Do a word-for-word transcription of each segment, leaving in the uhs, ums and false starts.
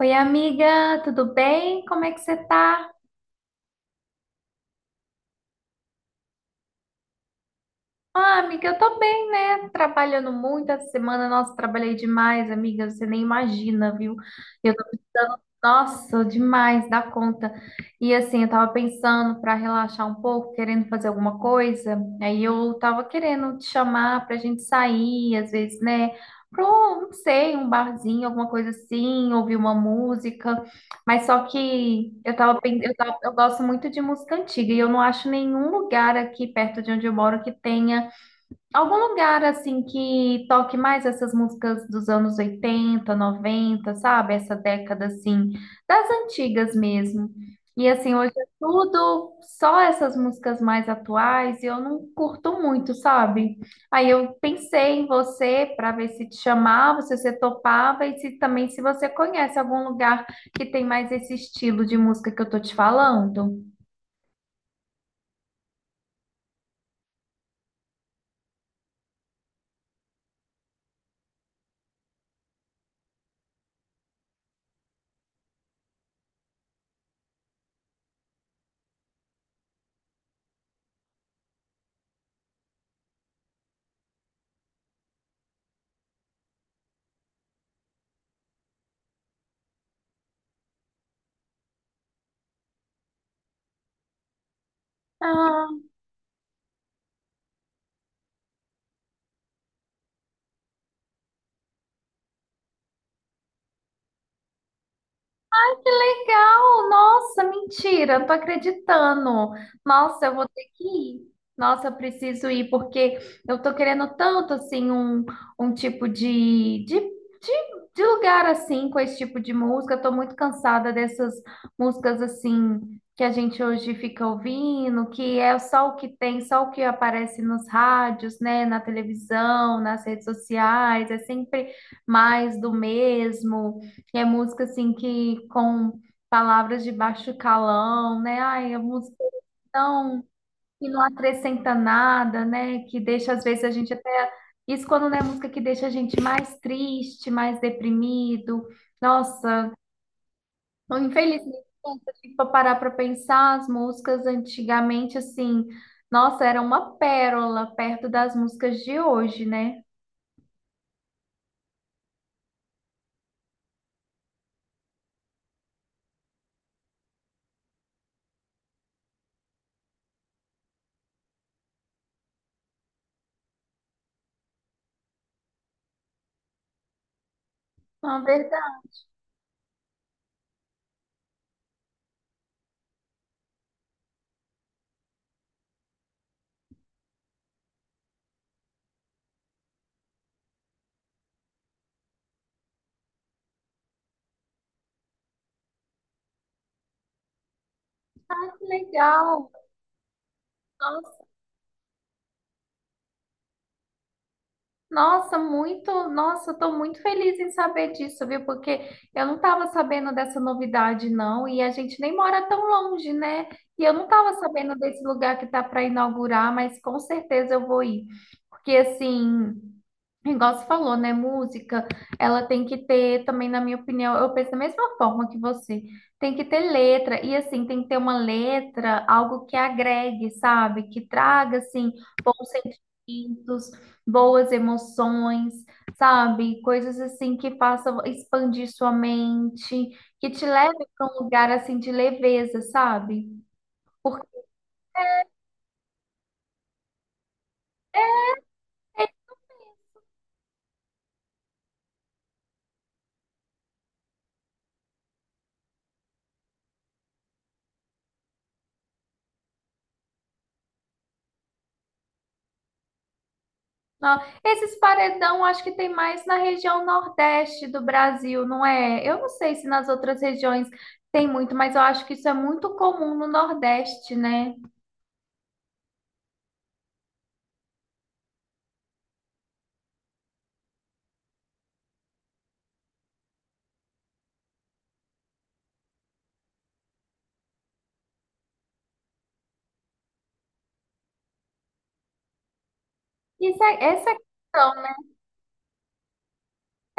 Oi, amiga, tudo bem? Como é que você tá? Ah, amiga, eu tô bem, né? Trabalhando muito essa semana. Nossa, trabalhei demais, amiga. Você nem imagina, viu? Eu tô precisando, nossa, demais dá conta. E assim, eu tava pensando pra relaxar um pouco, querendo fazer alguma coisa. Aí eu tava querendo te chamar pra gente sair, às vezes, né? Pra, um, não sei, um barzinho, alguma coisa assim, ouvir uma música. Mas só que eu tava, pen- eu tava, eu gosto muito de música antiga e eu não acho nenhum lugar aqui perto de onde eu moro que tenha algum lugar assim que toque mais essas músicas dos anos oitenta, noventa, sabe? Essa década assim, das antigas mesmo. E assim, hoje é tudo só essas músicas mais atuais e eu não curto muito, sabe? Aí eu pensei em você para ver se te chamava, se você topava e se também se você conhece algum lugar que tem mais esse estilo de música que eu tô te falando. Legal! Nossa, mentira, não tô acreditando. Nossa, eu vou ter que ir. Nossa, eu preciso ir, porque eu tô querendo tanto, assim, um, um tipo de, de, de, de lugar, assim, com esse tipo de música. Eu tô muito cansada dessas músicas, assim, que a gente hoje fica ouvindo, que é só o que tem, só o que aparece nos rádios, né, na televisão, nas redes sociais. É sempre mais do mesmo. É música assim que com palavras de baixo calão, né? Ai, a música é tão que não acrescenta nada, né? Que deixa às vezes a gente até, isso quando não é música que deixa a gente mais triste, mais deprimido. Nossa, infelizmente, se a gente for parar para pensar, as músicas antigamente assim, nossa, era uma pérola perto das músicas de hoje, né? Uma verdade, legal. Nossa, muito, nossa, estou muito feliz em saber disso, viu? Porque eu não estava sabendo dessa novidade, não, e a gente nem mora tão longe, né? E eu não estava sabendo desse lugar que tá para inaugurar, mas com certeza eu vou ir. Porque assim. Igual você falou, né? Música, ela tem que ter também, na minha opinião, eu penso da mesma forma que você. Tem que ter letra, e assim, tem que ter uma letra, algo que agregue, sabe? Que traga, assim, bons sentimentos, boas emoções, sabe? Coisas assim que façam expandir sua mente, que te leve para um lugar, assim, de leveza, sabe? Não, esses paredão acho que tem mais na região nordeste do Brasil, não é? Eu não sei se nas outras regiões tem muito, mas eu acho que isso é muito comum no Nordeste, né? Isso é, essa é a questão.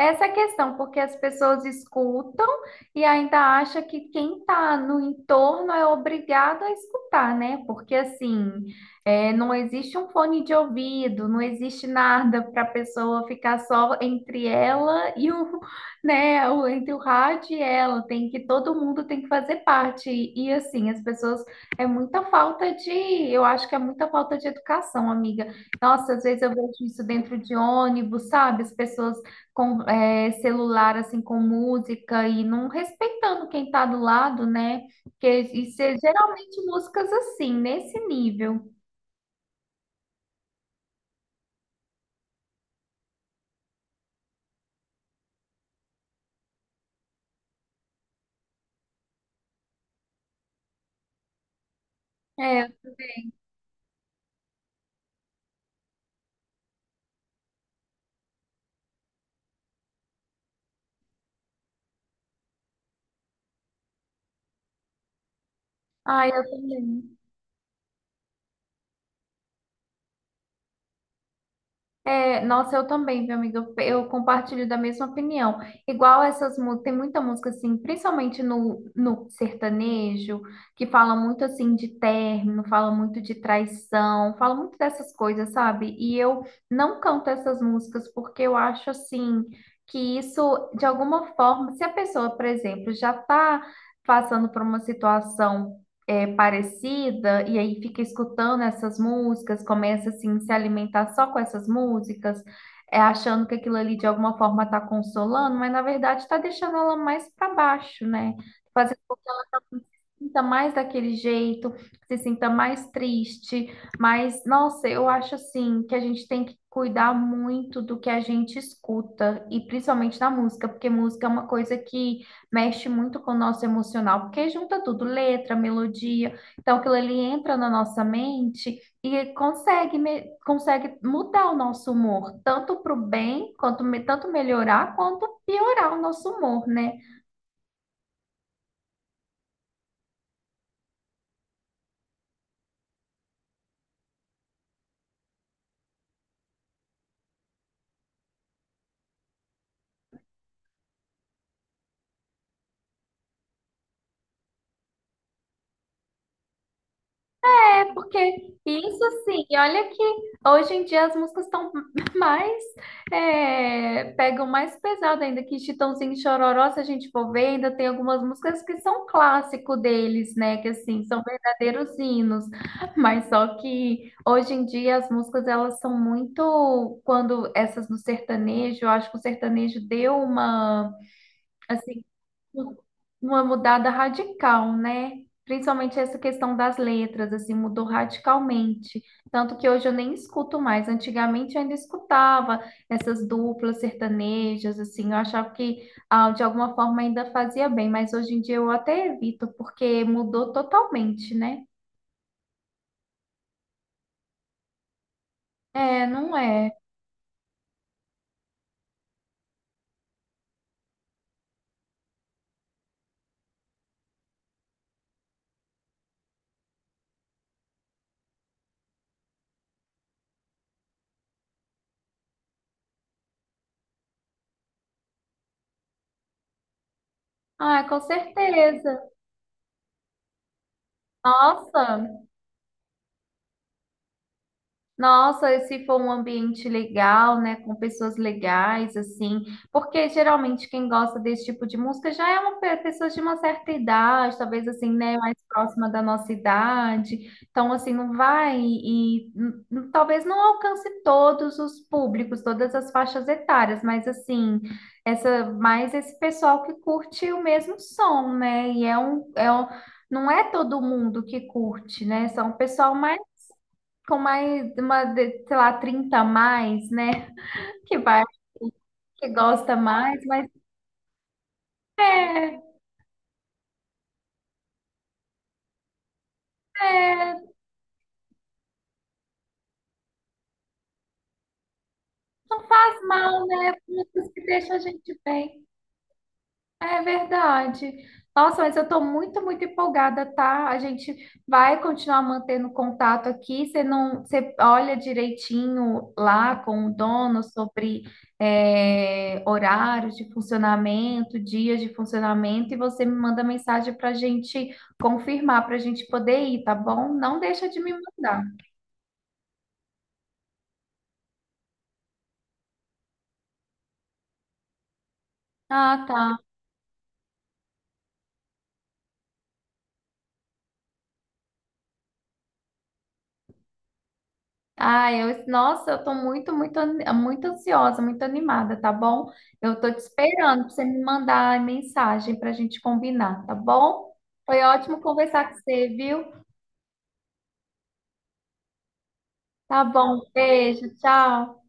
Essa é a questão, porque as pessoas escutam e ainda acha que quem está no entorno é obrigado a escutar, né? Porque assim, é, não existe um fone de ouvido, não existe nada para a pessoa ficar só entre ela e o, né, o- entre o rádio e ela. Tem que todo mundo tem que fazer parte. E assim, as pessoas é muita falta de, eu acho que é muita falta de educação, amiga. Nossa, às vezes eu vejo isso dentro de ônibus, sabe? As pessoas com é, celular assim com música e não respeitando quem está do lado, né? Porque isso é geralmente músicas assim, nesse nível. É, ah eu também. É, nossa, eu também, meu amigo, eu eu compartilho da mesma opinião. Igual essas músicas, tem muita música assim, principalmente no, no sertanejo, que fala muito assim de término, fala muito de traição, fala muito dessas coisas, sabe? E eu não canto essas músicas porque eu acho assim que isso, de alguma forma, se a pessoa, por exemplo, já tá passando por uma situação é, parecida e aí fica escutando essas músicas, começa assim a se alimentar só com essas músicas, é, achando que aquilo ali de alguma forma está consolando, mas na verdade está deixando ela mais para baixo, né? Fazendo sinta mais daquele jeito, se sinta mais triste, mas nossa, eu acho assim que a gente tem que cuidar muito do que a gente escuta e principalmente na música, porque música é uma coisa que mexe muito com o nosso emocional, porque junta tudo, letra, melodia, então aquilo ali entra na nossa mente e consegue me- consegue mudar o nosso humor, tanto para o bem, quanto me- tanto melhorar quanto piorar o nosso humor, né? É porque isso assim, e olha que hoje em dia as músicas estão mais, é, pegam mais pesado ainda, que Chitãozinho e Chororó, se a gente for ver, ainda tem algumas músicas que são clássico deles, né, que assim, são verdadeiros hinos, mas só que hoje em dia as músicas, elas são muito, quando essas no sertanejo, eu acho que o sertanejo deu uma, assim, uma mudada radical, né? Principalmente essa questão das letras, assim, mudou radicalmente. Tanto que hoje eu nem escuto mais. Antigamente eu ainda escutava essas duplas sertanejas, assim, eu achava que ah, de alguma forma ainda fazia bem, mas hoje em dia eu até evito, porque mudou totalmente, né? É, não é? Ah, com certeza. Nossa, nossa, e se for um ambiente legal, né, com pessoas legais, assim, porque geralmente quem gosta desse tipo de música já é uma pe- pessoa de uma certa idade, talvez assim, né, mais próxima da nossa idade, então assim, não vai e, n- n- talvez não alcance todos os públicos, todas as faixas etárias, mas assim, essa, mais esse pessoal que curte o mesmo som, né, e é um, é um, não é todo mundo que curte, né, são o pessoal mais com mais, uma, de- sei lá, trinta a mais, né? Que vai, que gosta mais, mas é, é, não faz mal, né? Músicas que deixam a gente bem. É verdade. Nossa, mas eu estou muito, muito empolgada, tá? A gente vai continuar mantendo contato aqui. Você não, você olha direitinho lá com o dono sobre é, horários de funcionamento, dias de funcionamento, e você me manda mensagem para a gente confirmar, para a gente poder ir, tá bom? Não deixa de me mandar. Ah, tá. Ai, eu, nossa, eu tô muito, muito, an- muito ansiosa, muito animada, tá bom? Eu tô te esperando pra você me mandar a mensagem pra gente combinar, tá bom? Foi ótimo conversar com você, viu? Tá bom, beijo, tchau.